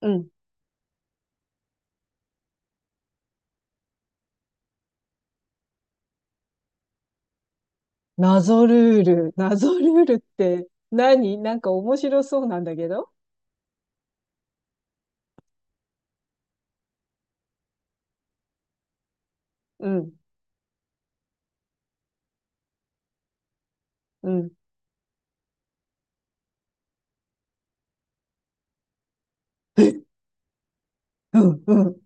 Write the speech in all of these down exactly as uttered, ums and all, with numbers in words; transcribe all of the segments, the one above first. うん。謎ルール。謎ルールって何？なんか面白そうなんだけど。うん。うん。うん。うん。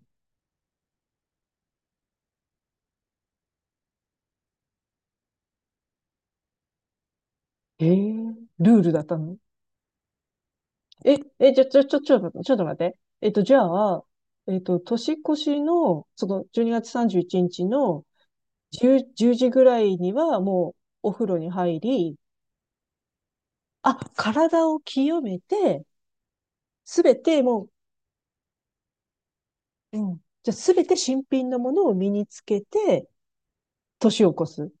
えー、ルールだったの？え、え、ちょ、ちょ、ちょ、ちょ、ちょっと待って。えっと、じゃあ、えっと、年越しの、その、じゅうにがつさんじゅういちにちのじゅう時ぐらいには、もう、お風呂に入り、あ、体を清めて、すべて、もう、うん。じゃあ、すべて新品のものを身につけて、年を越す。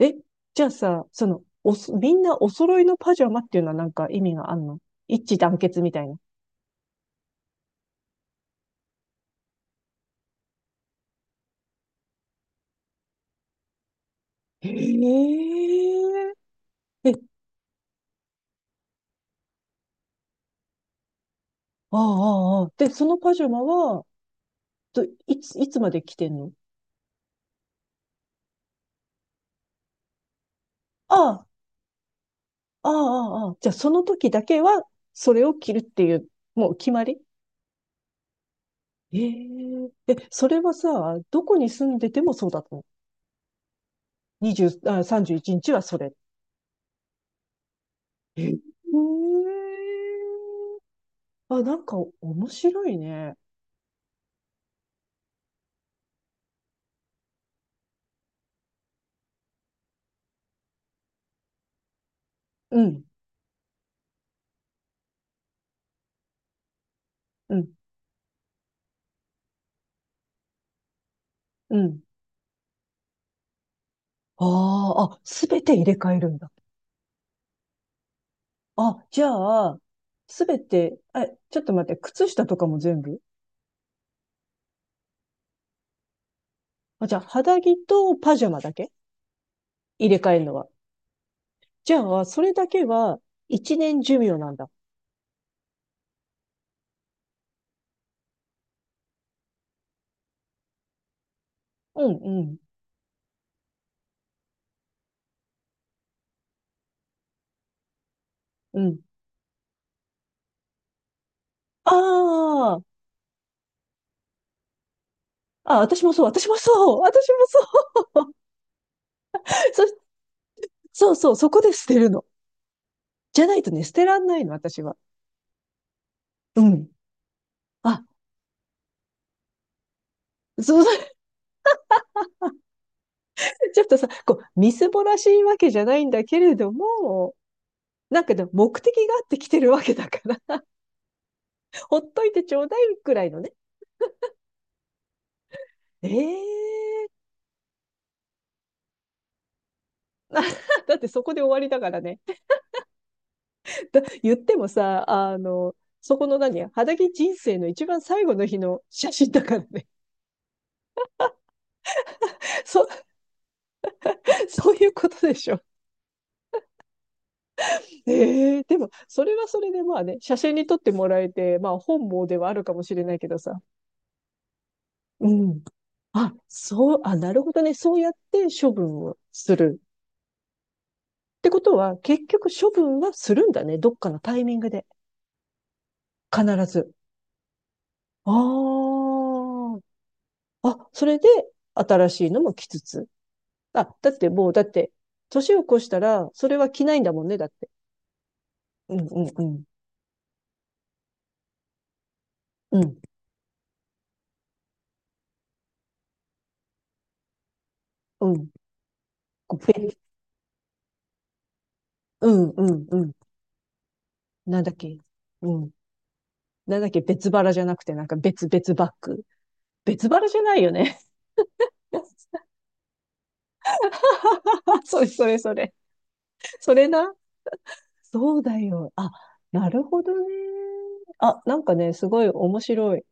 え、じゃあさ、その、おそ、みんなお揃いのパジャマっていうのはなんか意味があんの？一致団結みたいな。へえ。え、ああ、ああ、ああで、そのパジャマは、といつ、いつまで着てんの？ああ、ああ、ああ。じゃあその時だけは、それを着るっていう、もう決まり？ええ。え、それはさ、どこに住んでてもそうだったの？ にじゅう、あ、さんじゅういちにちはそれ。へえ。あ、なんか面白いね。うん。うん。うん。あああ、すべて入れ替えるんだ。あ、じゃあ、すべて、え、ちょっと待って、靴下とかも全部？あ、じゃあ、肌着とパジャマだけ入れ替えるのは。じゃあ、それだけは一年寿命なんだ。うん、うん、うん。あああ、私もそう、私もそう、私もそう。そ、そうそう、そこで捨てるの。じゃないとね、捨てらんないの、私は。うん。あ、そう ちょっとさ、こう、みすぼらしいわけじゃないんだけれども、なんかでも目的があって来てるわけだから ほっといてちょうだいくらいのね。ええー だってそこで終わりだからね。だ言ってもさ、あの、そこの何肌着人生の一番最後の日の写真だからね。そ、そういうことでしょ？ええー、でも、それはそれでまあね、写真に撮ってもらえて、まあ本望ではあるかもしれないけどさ。うん。あ、そう、あ、なるほどね。そうやって処分をする。ってことは、結局処分はするんだね。どっかのタイミングで。必ず。ああ、あ、それで新しいのも着つつ。あ、だってもう、だって、年を越したら、それは着ないんだもんね、だって。うん、うん、うん。うん、うん。こうべうん、うん、うん。なんだっけ。うん。なんだっけ、別腹じゃなくて、なんか別々バッグ。別腹じゃないよね。それ、それ、それ。それな。そうだよ。あ、なるほどね。あ、なんかね、すごい面白い。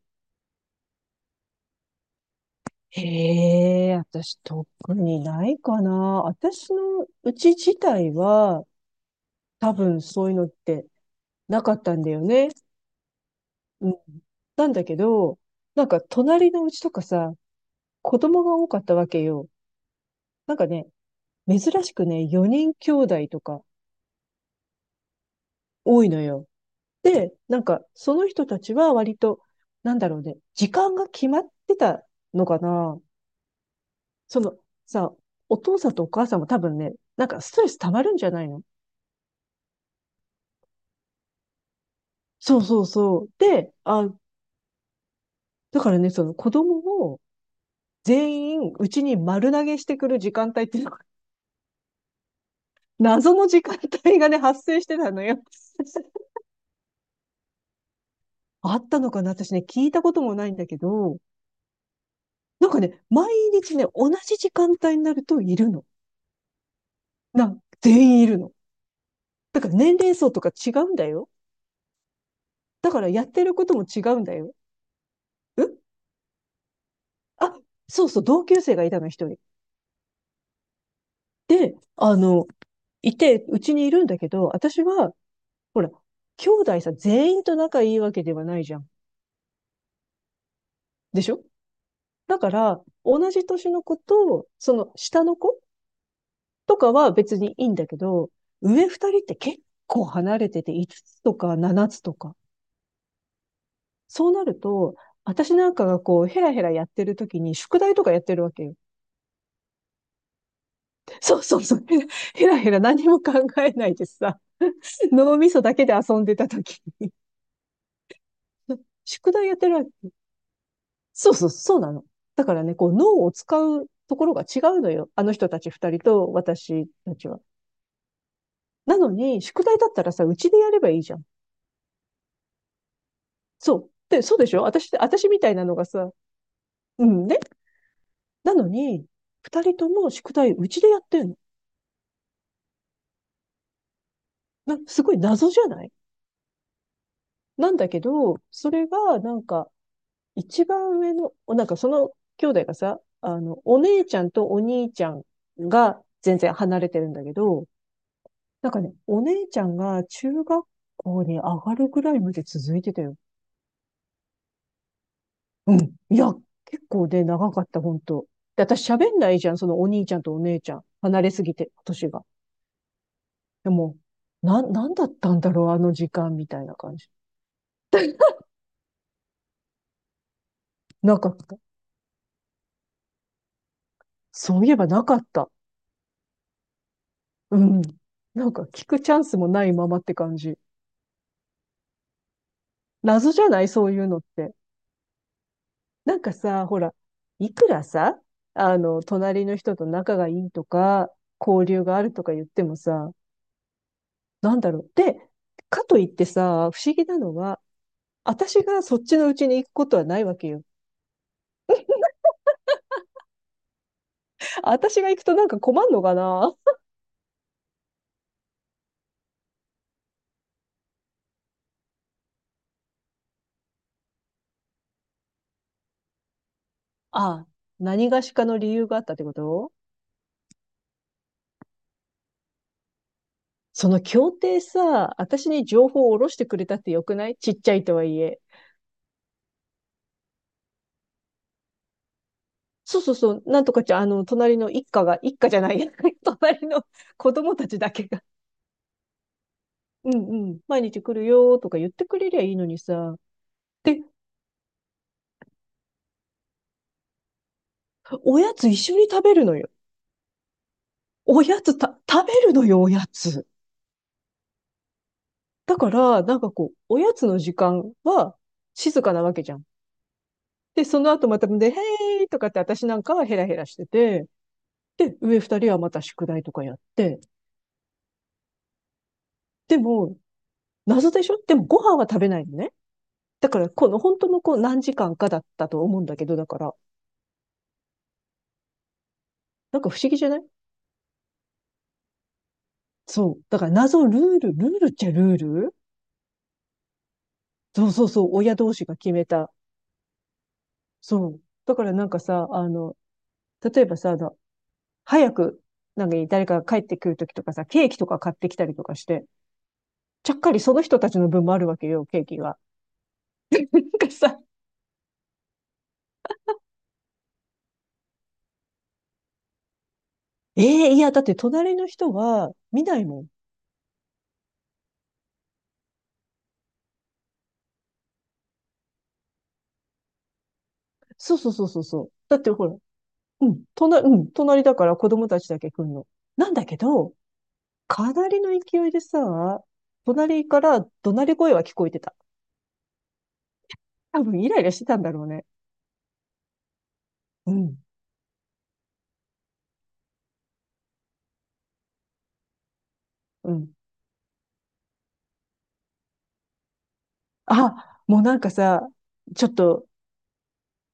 へえ、私特にないかな。私のうち自体は多分そういうのってなかったんだよね。うん。なんだけど、なんか隣のうちとかさ、子供が多かったわけよ。なんかね、珍しくね、よにん兄弟とか多いのよ。で、なんかその人たちは割と、なんだろうね、時間が決まってたのかな。そのさ、お父さんとお母さんも多分ね、なんかストレス溜まるんじゃないの？そうそうそう。で、あ、だからね、その子供を全員うちに丸投げしてくる時間帯っていうのが、謎の時間帯がね、発生してたのよ。あったのかな私ね、聞いたこともないんだけど、なんかね、毎日ね、同じ時間帯になるといるの。なん全員いるの。だから年齢層とか違うんだよ。だからやってることも違うんだよ。ん。あ、そうそう、同級生がいたの、一人。で、あの、いて、うちにいるんだけど、私はほら、兄弟さ、全員と仲いいわけではないじゃん。でしょ？だから、同じ年の子と、その下の子とかは別にいいんだけど、上二人って結構離れてて、いつつつとかななつとか。そうなると、私なんかがこう、ヘラヘラやってる時に、宿題とかやってるわけよ。そうそうそう。ヘラヘラヘラ何も考えないでさ、脳みそだけで遊んでた時に、宿題やってるわ。そうそう、そうなの。だからね、こう、脳を使うところが違うのよ。あの人たち二人と私たちは。なのに、宿題だったらさ、うちでやればいいじゃん。そう。で、そうでしょ？私、私みたいなのがさ、うんね。なのに、二人とも宿題うちでやってんの。な、すごい謎じゃない？なんだけど、それが、なんか、一番上の、なんかその兄弟がさ、あの、お姉ちゃんとお兄ちゃんが全然離れてるんだけど、なんかね、お姉ちゃんが中学校に上がるぐらいまで続いてたよ。うん。いや、結構ね、長かった、本当で、私喋んないじゃん、そのお兄ちゃんとお姉ちゃん。離れすぎて、年が。でも、な、なんだったんだろう、あの時間みたいな感じ。なかった。そういえばなかった。うん。なんか聞くチャンスもないままって感じ。謎じゃない？そういうのって。なんかさ、ほら、いくらさ、あの、隣の人と仲がいいとか、交流があるとか言ってもさ、なんだろう。で、かといってさ、不思議なのは、私がそっちのうちに行くことはないわけよ。私が行くとなんか困んのかな？あ、何がしかの理由があったってこと？その協定さ、私に情報を下ろしてくれたってよくない？ちっちゃいとはいえ。そうそうそう、なんとかちゃん、あの、隣の一家が、一家じゃない、隣の子供たちだけが、うんうん、毎日来るよーとか言ってくれりゃいいのにさ。で、おやつ一緒に食べるのよ。おやつた、食べるのよ、おやつ。だから、なんかこう、おやつの時間は静かなわけじゃん。で、その後またで、へーいとかって私なんかはヘラヘラしてて、で、上二人はまた宿題とかやって、でも、謎でしょ？でもご飯は食べないのね。だから、この本当のこう何時間かだったと思うんだけど、だから、なんか不思議じゃない？そう。だから謎ルール、ルールっちゃルール。そうそうそう、親同士が決めた。そう。だからなんかさ、あの、例えばさ、あの早く、なんかね誰かが帰ってくるときとかさ、ケーキとか買ってきたりとかして、ちゃっかりその人たちの分もあるわけよ、ケーキが。なんかさ、ええーいや、だって隣の人は見ないもん。そうそうそうそうそう。だってほら、うん、隣、うん、隣だから子供たちだけ来んの。なんだけど、かなりの勢いでさ、隣から怒鳴り声は聞こえてた。多分イライラしてたんだろうね。うん、うん。あ、もうなんかさ、ちょっと、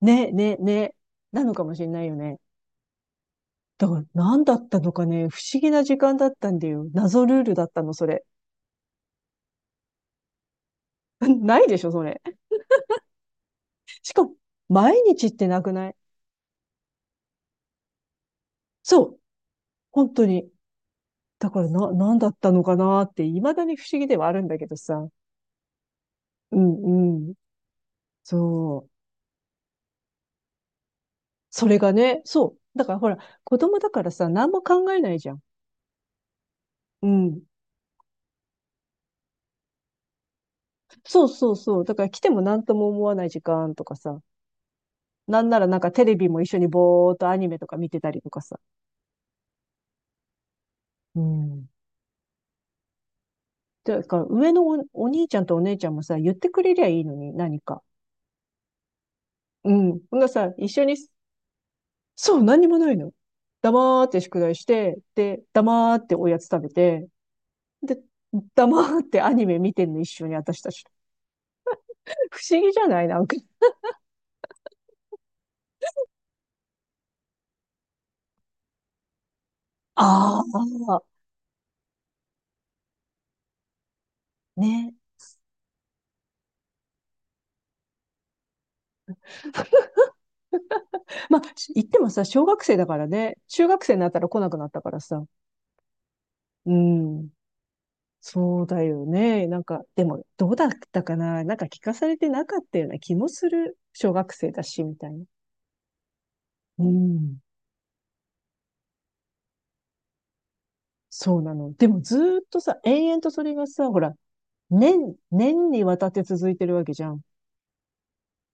ね、ね、ね、なのかもしれないよね。だから何だったのかね、不思議な時間だったんだよ。謎ルールだったの、それ。ないでしょ、それ。しかも、毎日ってなくない？そう、本当に。だからな、何だったのかなって、未だに不思議ではあるんだけどさ。うん、うん。そう。それがね、そう。だからほら、子供だからさ、何も考えないじゃん。うん。そうそうそう。だから来ても何とも思わない時間とかさ。なんならなんかテレビも一緒にぼーっとアニメとか見てたりとかさ。うん。ていうか、上のお、お兄ちゃんとお姉ちゃんもさ、言ってくれりゃいいのに、何か。うん。ほんならさ、一緒に、そう、何にもないの。黙って宿題して、で、黙っておやつ食べて、で、黙ってアニメ見てんの、一緒に私たち。不思議じゃない？なんか。ああ、ね。まあ、言ってもさ、小学生だからね、中学生になったら来なくなったからさ。うん。そうだよね。なんか、でも、どうだったかななんか聞かされてなかったような気もする。小学生だし、みたいな。うん。そうなの。でも、ずーっとさ、延々とそれがさ、ほら、年、年にわたって続いてるわけじゃん。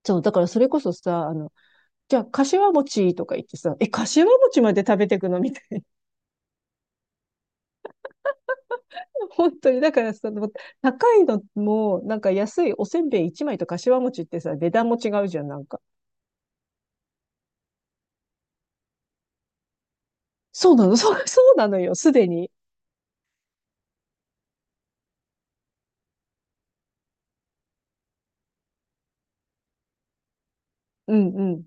そう、だからそれこそさ、あの、じゃあ、柏餅とか言ってさ、え、柏餅まで食べてくのみたいな。本当に、だからさ、高いのも、なんか安いおせんべいいちまいと柏餅ってさ、値段も違うじゃん、なんか。そうなの、そう、そうなのよ、すでに。うんうん。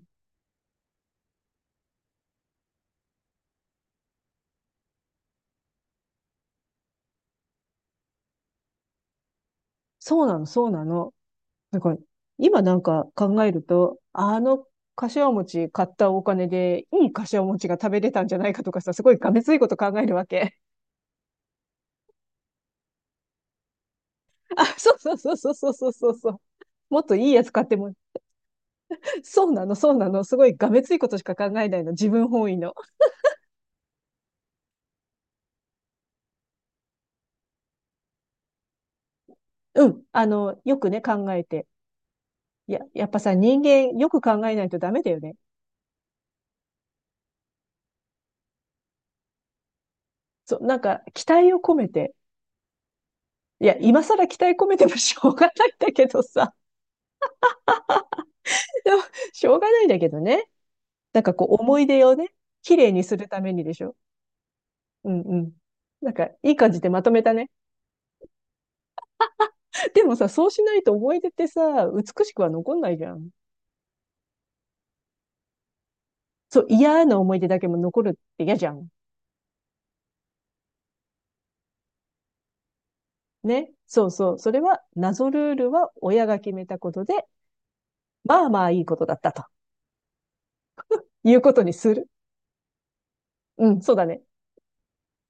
そうなの、そうなの。なんか今なんか考えると、あの、柏餅買ったお金で、いい柏餅が食べれたんじゃないかとかさ、すごいがめついこと考えるわけ。あ、そうそうそうそうそうそうそうそう。もっといいやつ買っても、そうなの、そうなの。すごいがめついことしか考えないの。自分本位の。うん。あの、よくね、考えて。いや、やっぱさ、人間、よく考えないとダメだよね。そう、なんか、期待を込めて。いや、今更期待込めてもしょうがないんだけどさ。でもしょうがないんだけどね。なんかこう思い出をね、綺麗にするためにでしょ？うんうん。なんかいい感じでまとめたね。でもさ、そうしないと思い出ってさ、美しくは残んないじゃん。そう、嫌な思い出だけも残るって嫌じゃん。ね。そうそう。それは謎ルールは親が決めたことで、まあまあいいことだったということにする。うん、そうだね。